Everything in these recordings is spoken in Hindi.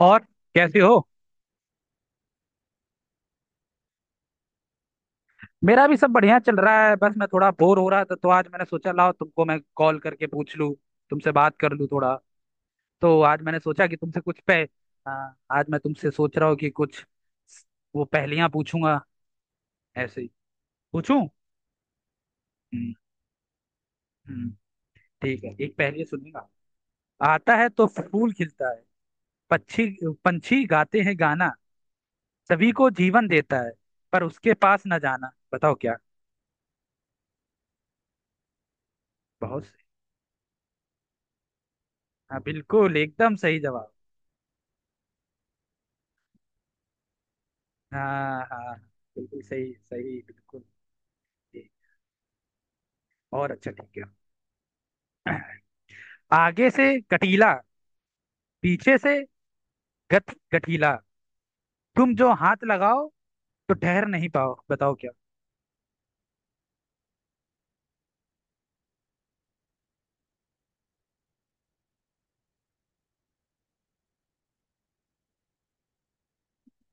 और कैसी हो? मेरा भी सब बढ़िया चल रहा है। बस मैं थोड़ा बोर हो रहा था, तो आज मैंने सोचा लाओ तुमको मैं कॉल करके पूछ लूँ, तुमसे बात कर लूँ थोड़ा। तो आज मैंने सोचा कि तुमसे कुछ पे... हाँ, आज मैं तुमसे सोच रहा हूँ कि कुछ वो पहेलियां पूछूंगा, ऐसे ही पूछूं। हम्म। हम्म। ठीक है, एक पहेली सुनूंगा। आता है तो फूल खिलता है, पक्षी, पंछी गाते हैं गाना, सभी को जीवन देता है, पर उसके पास न जाना। बताओ क्या? बहुत सही। हाँ बिल्कुल एकदम सही जवाब। हाँ हाँ बिल्कुल सही सही बिल्कुल सही। और अच्छा ठीक है, आगे से कटीला, पीछे से गठ गठीला, तुम जो हाथ लगाओ तो ठहर नहीं पाओ। बताओ क्या?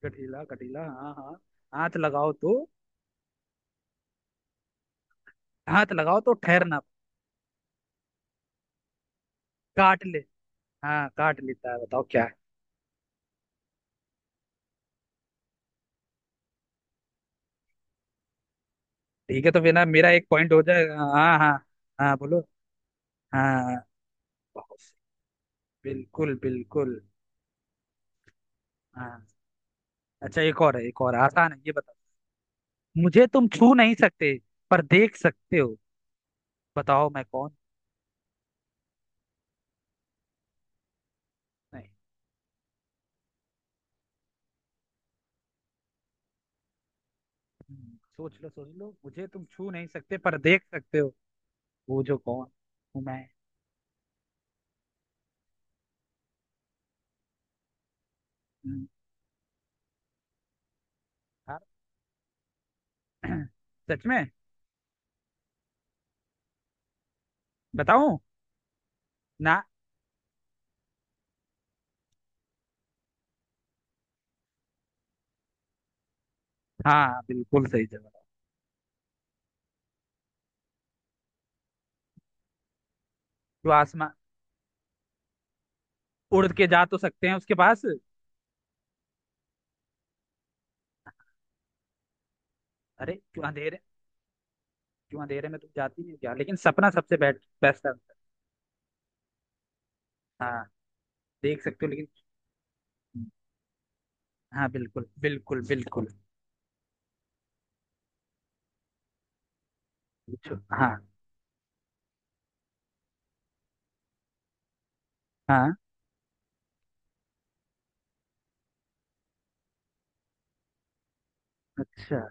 गठीला गठीला, हाँ हाँ। हाथ लगाओ तो, हाथ लगाओ तो ठहर ना... काट ले। हाँ काट लेता है। बताओ क्या है? ठीक है, तो फिर ना मेरा एक पॉइंट हो जाएगा। हाँ हाँ। हाँ बोलो। हाँ। बहुत सही। बिल्कुल बिल्कुल। हाँ। अच्छा एक और है, एक और आसान है, ये बताओ। मुझे तुम छू नहीं सकते पर देख सकते हो। बताओ मैं कौन? नहीं। सोच लो सोच लो, मुझे तुम छू नहीं सकते पर देख सकते हो। वो जो कौन हूँ मैं? हम्म, यार सच में बताऊं ना? हाँ बिल्कुल सही जवाब। जो आसमान... उड़ के जा तो सकते हैं उसके पास। अरे क्यों अंधेरे, क्यों अंधेरे में तुम जाती नहीं हो क्या? लेकिन सपना सबसे बेस्ट बेस्ट आंसर। हाँ, देख सकते हो लेकिन... हाँ बिल्कुल बिल्कुल बिल्कुल। पूछो हाँ। हाँ अच्छा।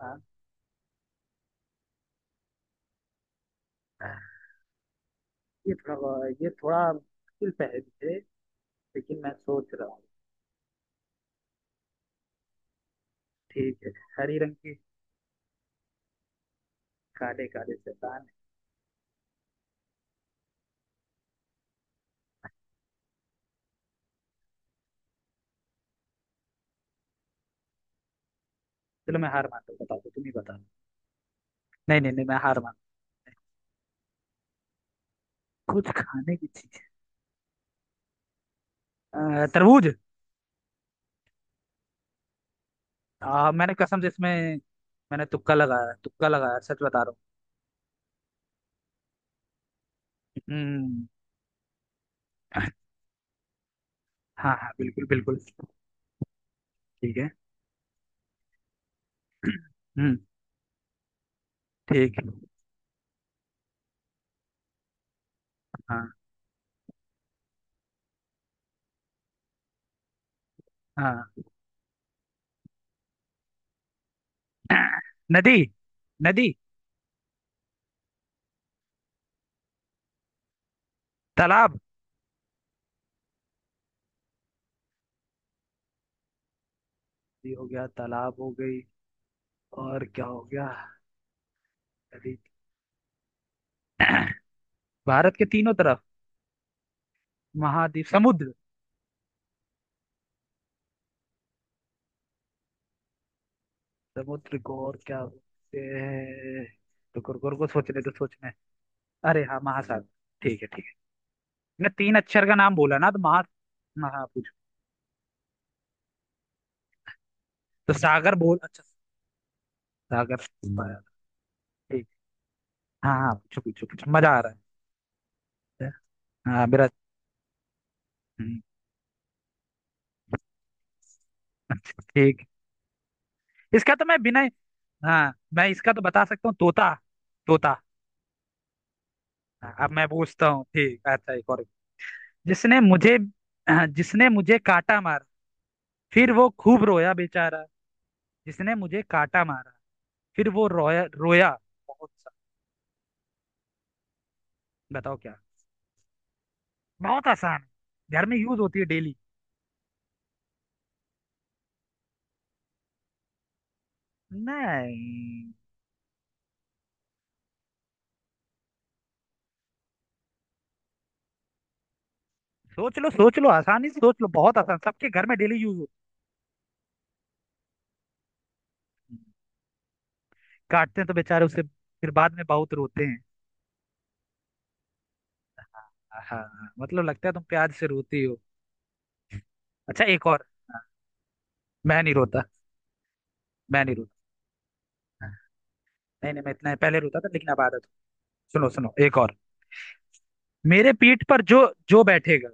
हाँ। ये थोड़ा मुश्किल पहेली है, लेकिन मैं सोच रहा हूँ। ठीक है। हरी रंग की... काले काले शैतान है। चलो मैं हार मानता हूँ, बता दो, तुम ही बता दो। नहीं नहीं नहीं, मैं हार मानता हूँ, कुछ खाने की चीज है। तरबूज। मैंने कसम से इसमें... मैंने तुक्का लगाया, तुक्का लगाया, सच बता रहा हूँ। हम्म। हाँ हाँ बिल्कुल बिल्कुल। ठीक है। हम्म। ठीक है। हाँ हाँ। नदी। नदी। तालाब। ये हो गया, तालाब हो गई, और क्या हो गया? नदी। भारत के तीनों तरफ महाद्वीप, समुद्र। समुद्र को और क्या बोलते हैं? रुको रुको रुको, सोचने तो सोचने... अरे हाँ, महासागर! ठीक है, ठीक है। मैंने तीन अक्षर का नाम बोला ना, तो महा... महा पूछो। तो सागर बोल, अच्छा सागर पाया। ठीक। हाँ हाँ, पूछो पूछो पूछो, मजा आ रहा है। हाँ मेरा... हम्म, अच्छा ठीक है। इसका तो मैं बिना... हाँ मैं इसका तो बता सकता हूँ, तोता। तोता। हाँ, अब मैं पूछता हूँ ठीक, अच्छा एक और। जिसने मुझे... हाँ, जिसने मुझे काटा मारा, फिर वो खूब रोया बेचारा। जिसने मुझे काटा मारा, फिर वो रोया रोया बहुत सा। बताओ क्या? बहुत आसान है, घर में यूज होती है डेली। नहीं। सोच लो सोच लो आसानी से, सोच लो बहुत आसान, सबके घर में डेली यूज होती है। काटते हैं तो बेचारे उसे फिर बाद में बहुत रोते हैं। हाँ हाँ, मतलब लगता है तुम प्याज से रोती हो। अच्छा एक और। हाँ, मैं नहीं रोता। मैं नहीं रोता। हाँ, नहीं नहीं मैं इतना पहले रोता था लेकिन अब आदत हो। सुनो सुनो एक और। मेरे पीठ पर जो... जो बैठेगा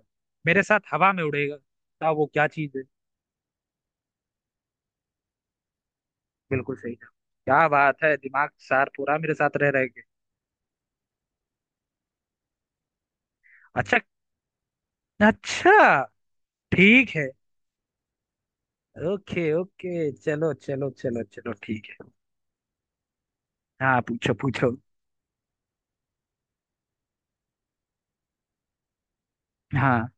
मेरे साथ हवा में उड़ेगा, बताओ वो क्या चीज है? बिल्कुल सही, क्या बात है, दिमाग सार पूरा मेरे साथ रह रहे के... अच्छा। अच्छा। ठीक है। ओके ओके, चलो चलो चलो चलो, ठीक है। हाँ पूछो पूछो। हाँ।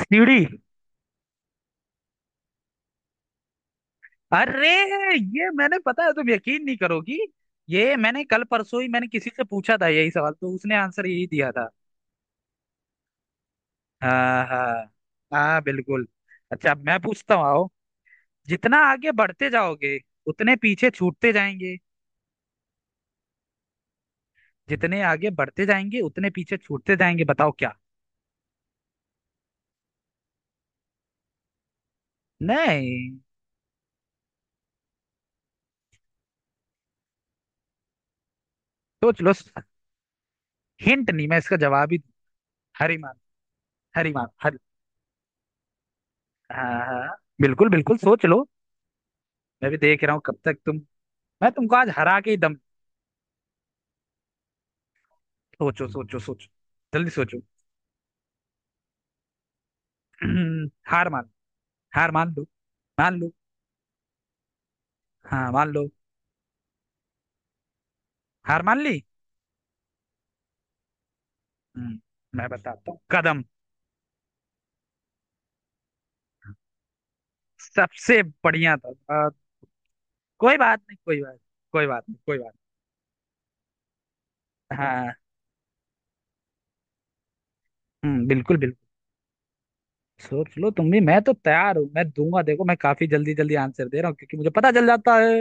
सीढ़ी। अरे, ये मैंने, पता है, तुम यकीन नहीं करोगी, ये मैंने कल परसों ही मैंने किसी से पूछा था यही सवाल, तो उसने आंसर यही दिया था। हाँ हाँ। हाँ बिल्कुल। अच्छा अब मैं पूछता हूँ, आओ, जितना आगे बढ़ते जाओगे उतने पीछे छूटते जाएंगे। जितने आगे बढ़ते जाएंगे उतने पीछे छूटते जाएंगे। बताओ क्या? नहीं। सोच लो। हिंट नहीं, मैं इसका जवाब ही दूं। हरी मार, हरी मार, हरी... हाँ हाँ बिल्कुल बिल्कुल, सोच लो। मैं भी देख रहा हूँ कब तक तुम... मैं तुमको आज हरा के ही दम... सोचो सोचो सोचो, जल्दी सोचो। हार मान, हार मान लो, मान लो। हाँ मान लो। हार मान ली। हम्म, मैं बताता हूँ, कदम, सबसे बढ़िया था। आ, कोई बात नहीं, कोई बात, कोई बात नहीं, कोई बात नहीं। हाँ। बिल्कुल बिल्कुल। सोच लो तुम भी, मैं तो तैयार हूँ, मैं दूंगा देखो, मैं काफी जल्दी जल्दी आंसर दे रहा हूँ क्योंकि मुझे पता चल जाता है।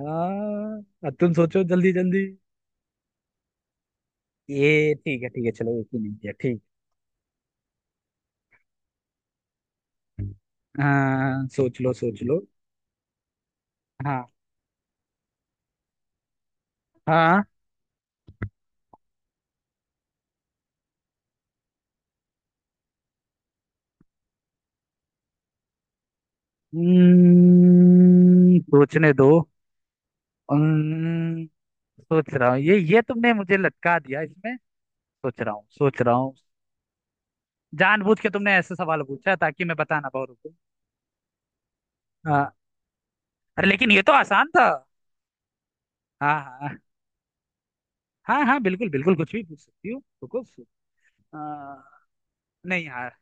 हाँ। अब तुम सोचो जल्दी जल्दी। ये ठीक है, ठीक है, चलो एक ही नहीं किया, ठीक। हाँ सोच लो सोच लो। हाँ हाँ। सोचने दो। हम्म, सोच रहा हूँ, ये तुमने मुझे लटका दिया इसमें। सोच रहा हूँ, सोच रहा हूँ। जानबूझ के तुमने ऐसे सवाल पूछा ताकि मैं बता ना पाऊँ, रुको। हाँ। अरे लेकिन ये तो आसान था। हाँ हाँ। हाँ हाँ, बिल्कुल बिल्कुल कुछ भी पूछ सकती हूँ, तो कुछ... आ, नहीं यार।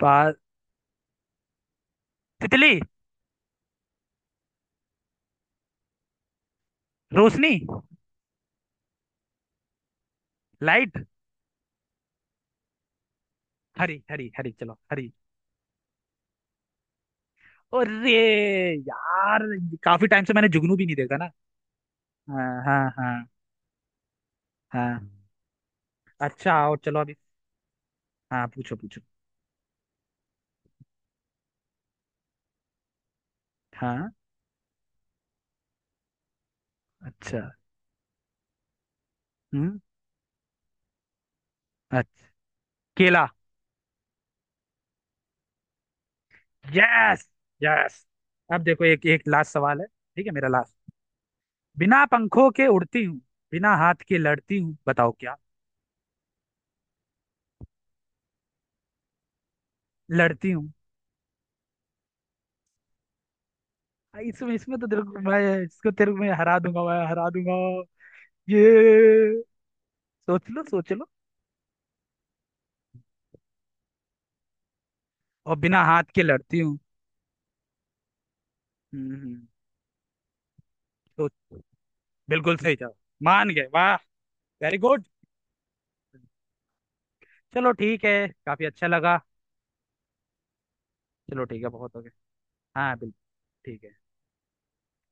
पा तितली। रोशनी। लाइट। हरी हरी हरी, चलो हरी। अरे यार, काफी टाइम से मैंने जुगनू भी नहीं देखा ना। हाँ हाँ हाँ हाँ। अच्छा और चलो अभी। हाँ पूछो पूछो। हाँ। अच्छा। हम्म, अच्छा, केला। Yes yes. अब देखो, एक एक लास्ट सवाल है, ठीक है, मेरा लास्ट। बिना पंखों के उड़ती हूँ, बिना हाथ के लड़ती हूँ। बताओ क्या? लड़ती हूँ। इसमें इसमें तो तेरे को मैं हरा दूंगा, मैं हरा दूंगा। ये सोच लो सोच लो। और बिना हाथ के लड़ती हूँ। हम्म। सोच... बिल्कुल सही जवाब। मान गए, वाह। Very good. चलो ठीक है, काफी अच्छा लगा। चलो ठीक है, बहुत हो गया। हाँ बिल्कुल। ठीक है।